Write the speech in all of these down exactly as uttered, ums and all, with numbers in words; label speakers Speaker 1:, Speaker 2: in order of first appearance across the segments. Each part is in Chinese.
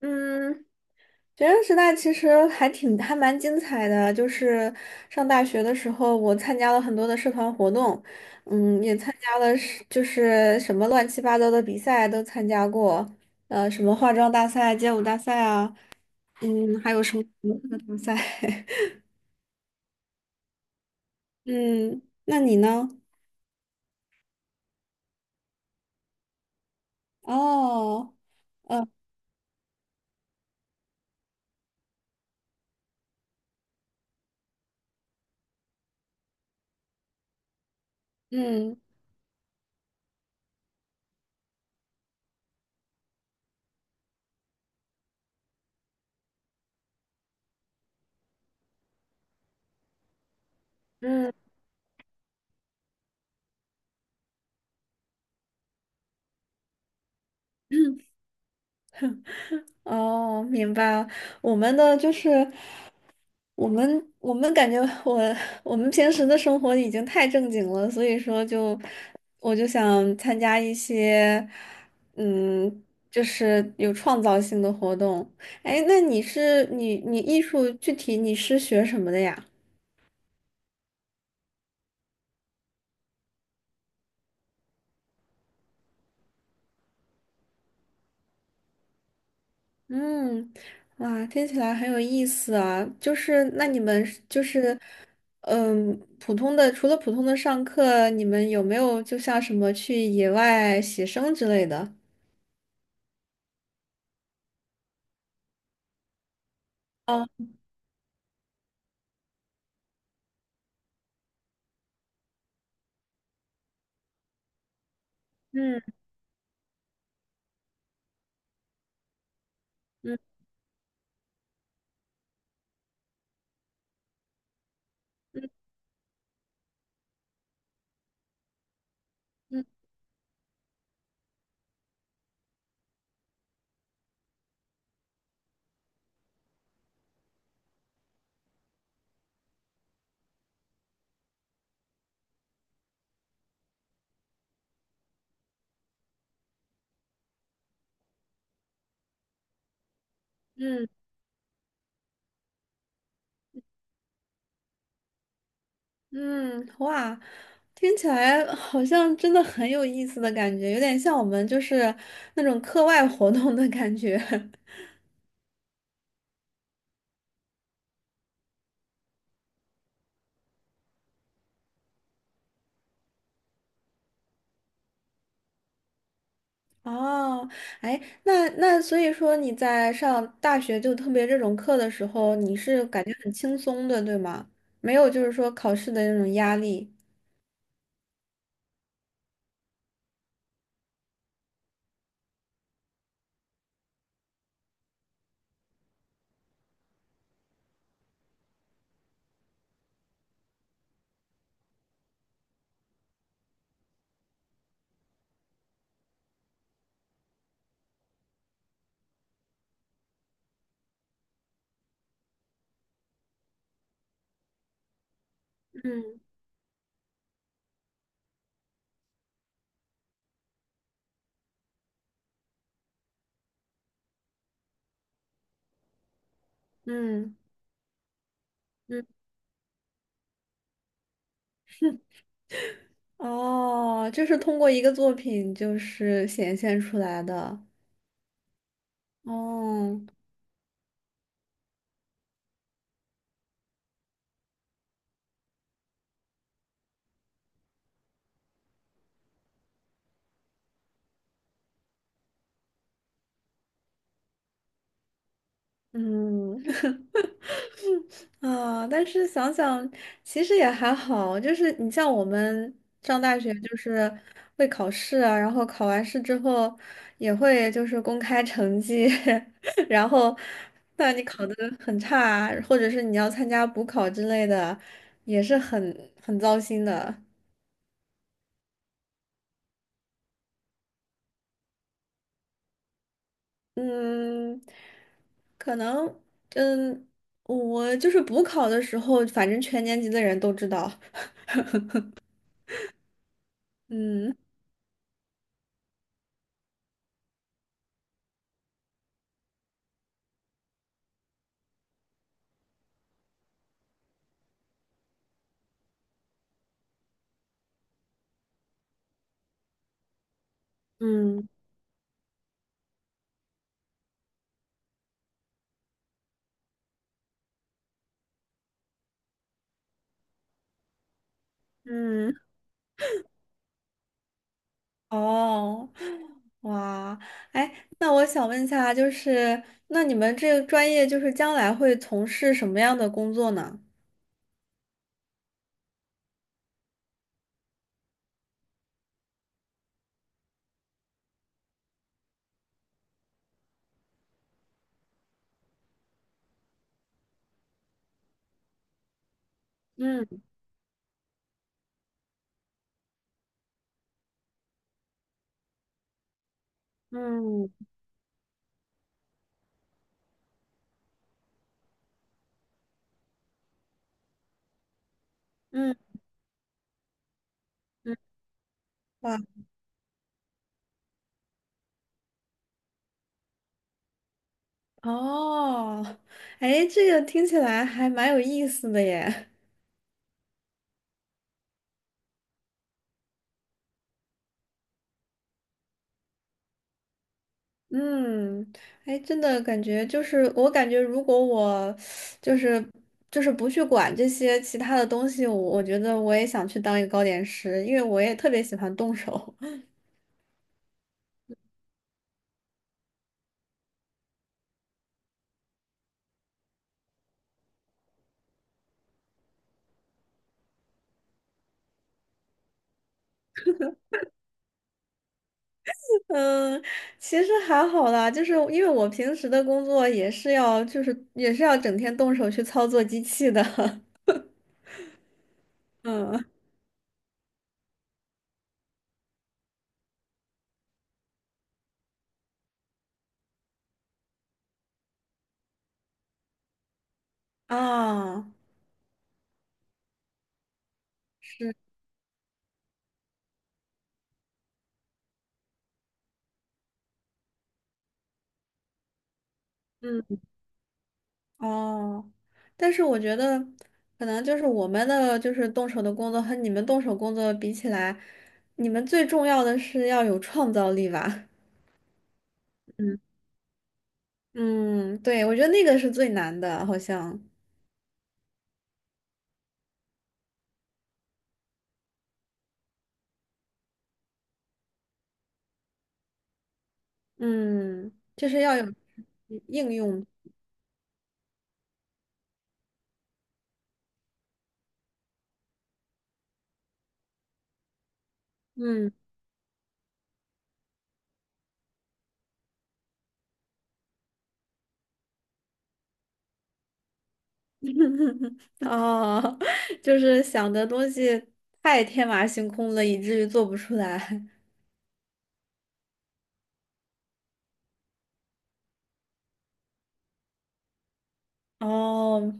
Speaker 1: 嗯，学生时代其实还挺还蛮精彩的，就是上大学的时候，我参加了很多的社团活动，嗯，也参加了是就是什么乱七八糟的比赛都参加过，呃，什么化妆大赛、街舞大赛啊，嗯，还有什么什么课大赛，嗯，那你呢？哦，呃，嗯嗯。嗯 哦，明白了。我们的就是，我们我们感觉我我们平时的生活已经太正经了，所以说就我就想参加一些嗯，就是有创造性的活动。哎，那你是你你艺术具体你是学什么的呀？嗯，哇，听起来很有意思啊！就是那你们是就是，嗯，普通的除了普通的上课，你们有没有就像什么去野外写生之类的？哦，嗯。嗯嗯嗯，嗯，哇，听起来好像真的很有意思的感觉，有点像我们就是那种课外活动的感觉。哦，哎，那那所以说你在上大学就特别这种课的时候，你是感觉很轻松的，对吗？没有就是说考试的那种压力。嗯嗯嗯，哦，就是通过一个作品就是显现出来的。哦，嗯。啊，但是想想，其实也还好，就是你像我们上大学，就是会考试啊，然后考完试之后也会就是公开成绩，然后那你考的很差啊，或者是你要参加补考之类的，也是很很糟心的。嗯，可能嗯，我就是补考的时候，反正全年级的人都知道。嗯嗯。嗯。哦，哇，哎，那我想问一下，就是那你们这个专业，就是将来会从事什么样的工作呢？嗯嗯嗯嗯，哇，哦，哎，这个听起来还蛮有意思的耶。嗯，哎，真的感觉就是，我感觉如果我就是就是不去管这些其他的东西，我我觉得我也想去当一个糕点师，因为我也特别喜欢动手。嗯，其实还好啦，就是因为我平时的工作也是要，就是也是要整天动手去操作机器的。嗯啊，是，嗯哦，但是我觉得可能就是我们的就是动手的工作和你们动手工作比起来，你们最重要的是要有创造力吧。嗯嗯，对，我觉得那个是最难的，好像，嗯，就是要有应用，嗯。哦，就是想的东西太天马行空了，以至于做不出来。哦，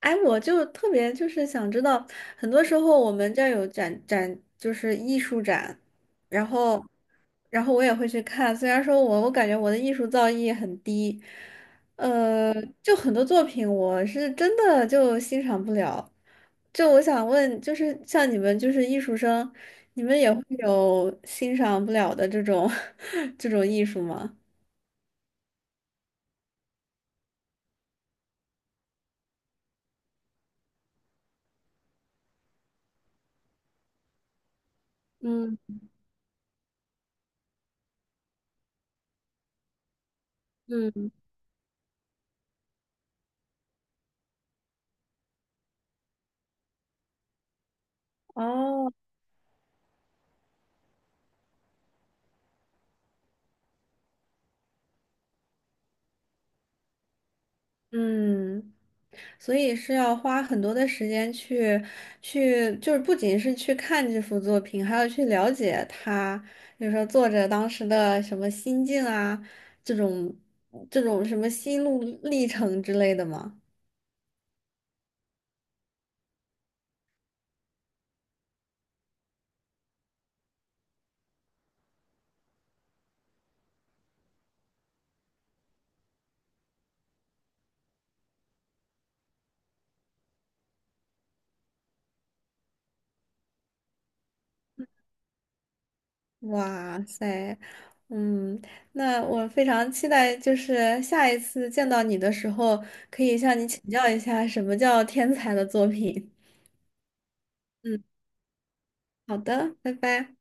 Speaker 1: 哎，我就特别就是想知道，很多时候我们这儿有展展，就是艺术展，然后，然后我也会去看。虽然说我我感觉我的艺术造诣很低，呃，就很多作品我是真的就欣赏不了。就我想问，就是像你们就是艺术生，你们也会有欣赏不了的这种 这种艺术吗？嗯嗯。哦。嗯，所以是要花很多的时间去去，就是不仅是去看这幅作品，还要去了解他，比如说作者当时的什么心境啊，这种这种什么心路历程之类的嘛。哇塞，嗯，那我非常期待，就是下一次见到你的时候，可以向你请教一下什么叫天才的作品。嗯，好的，拜拜。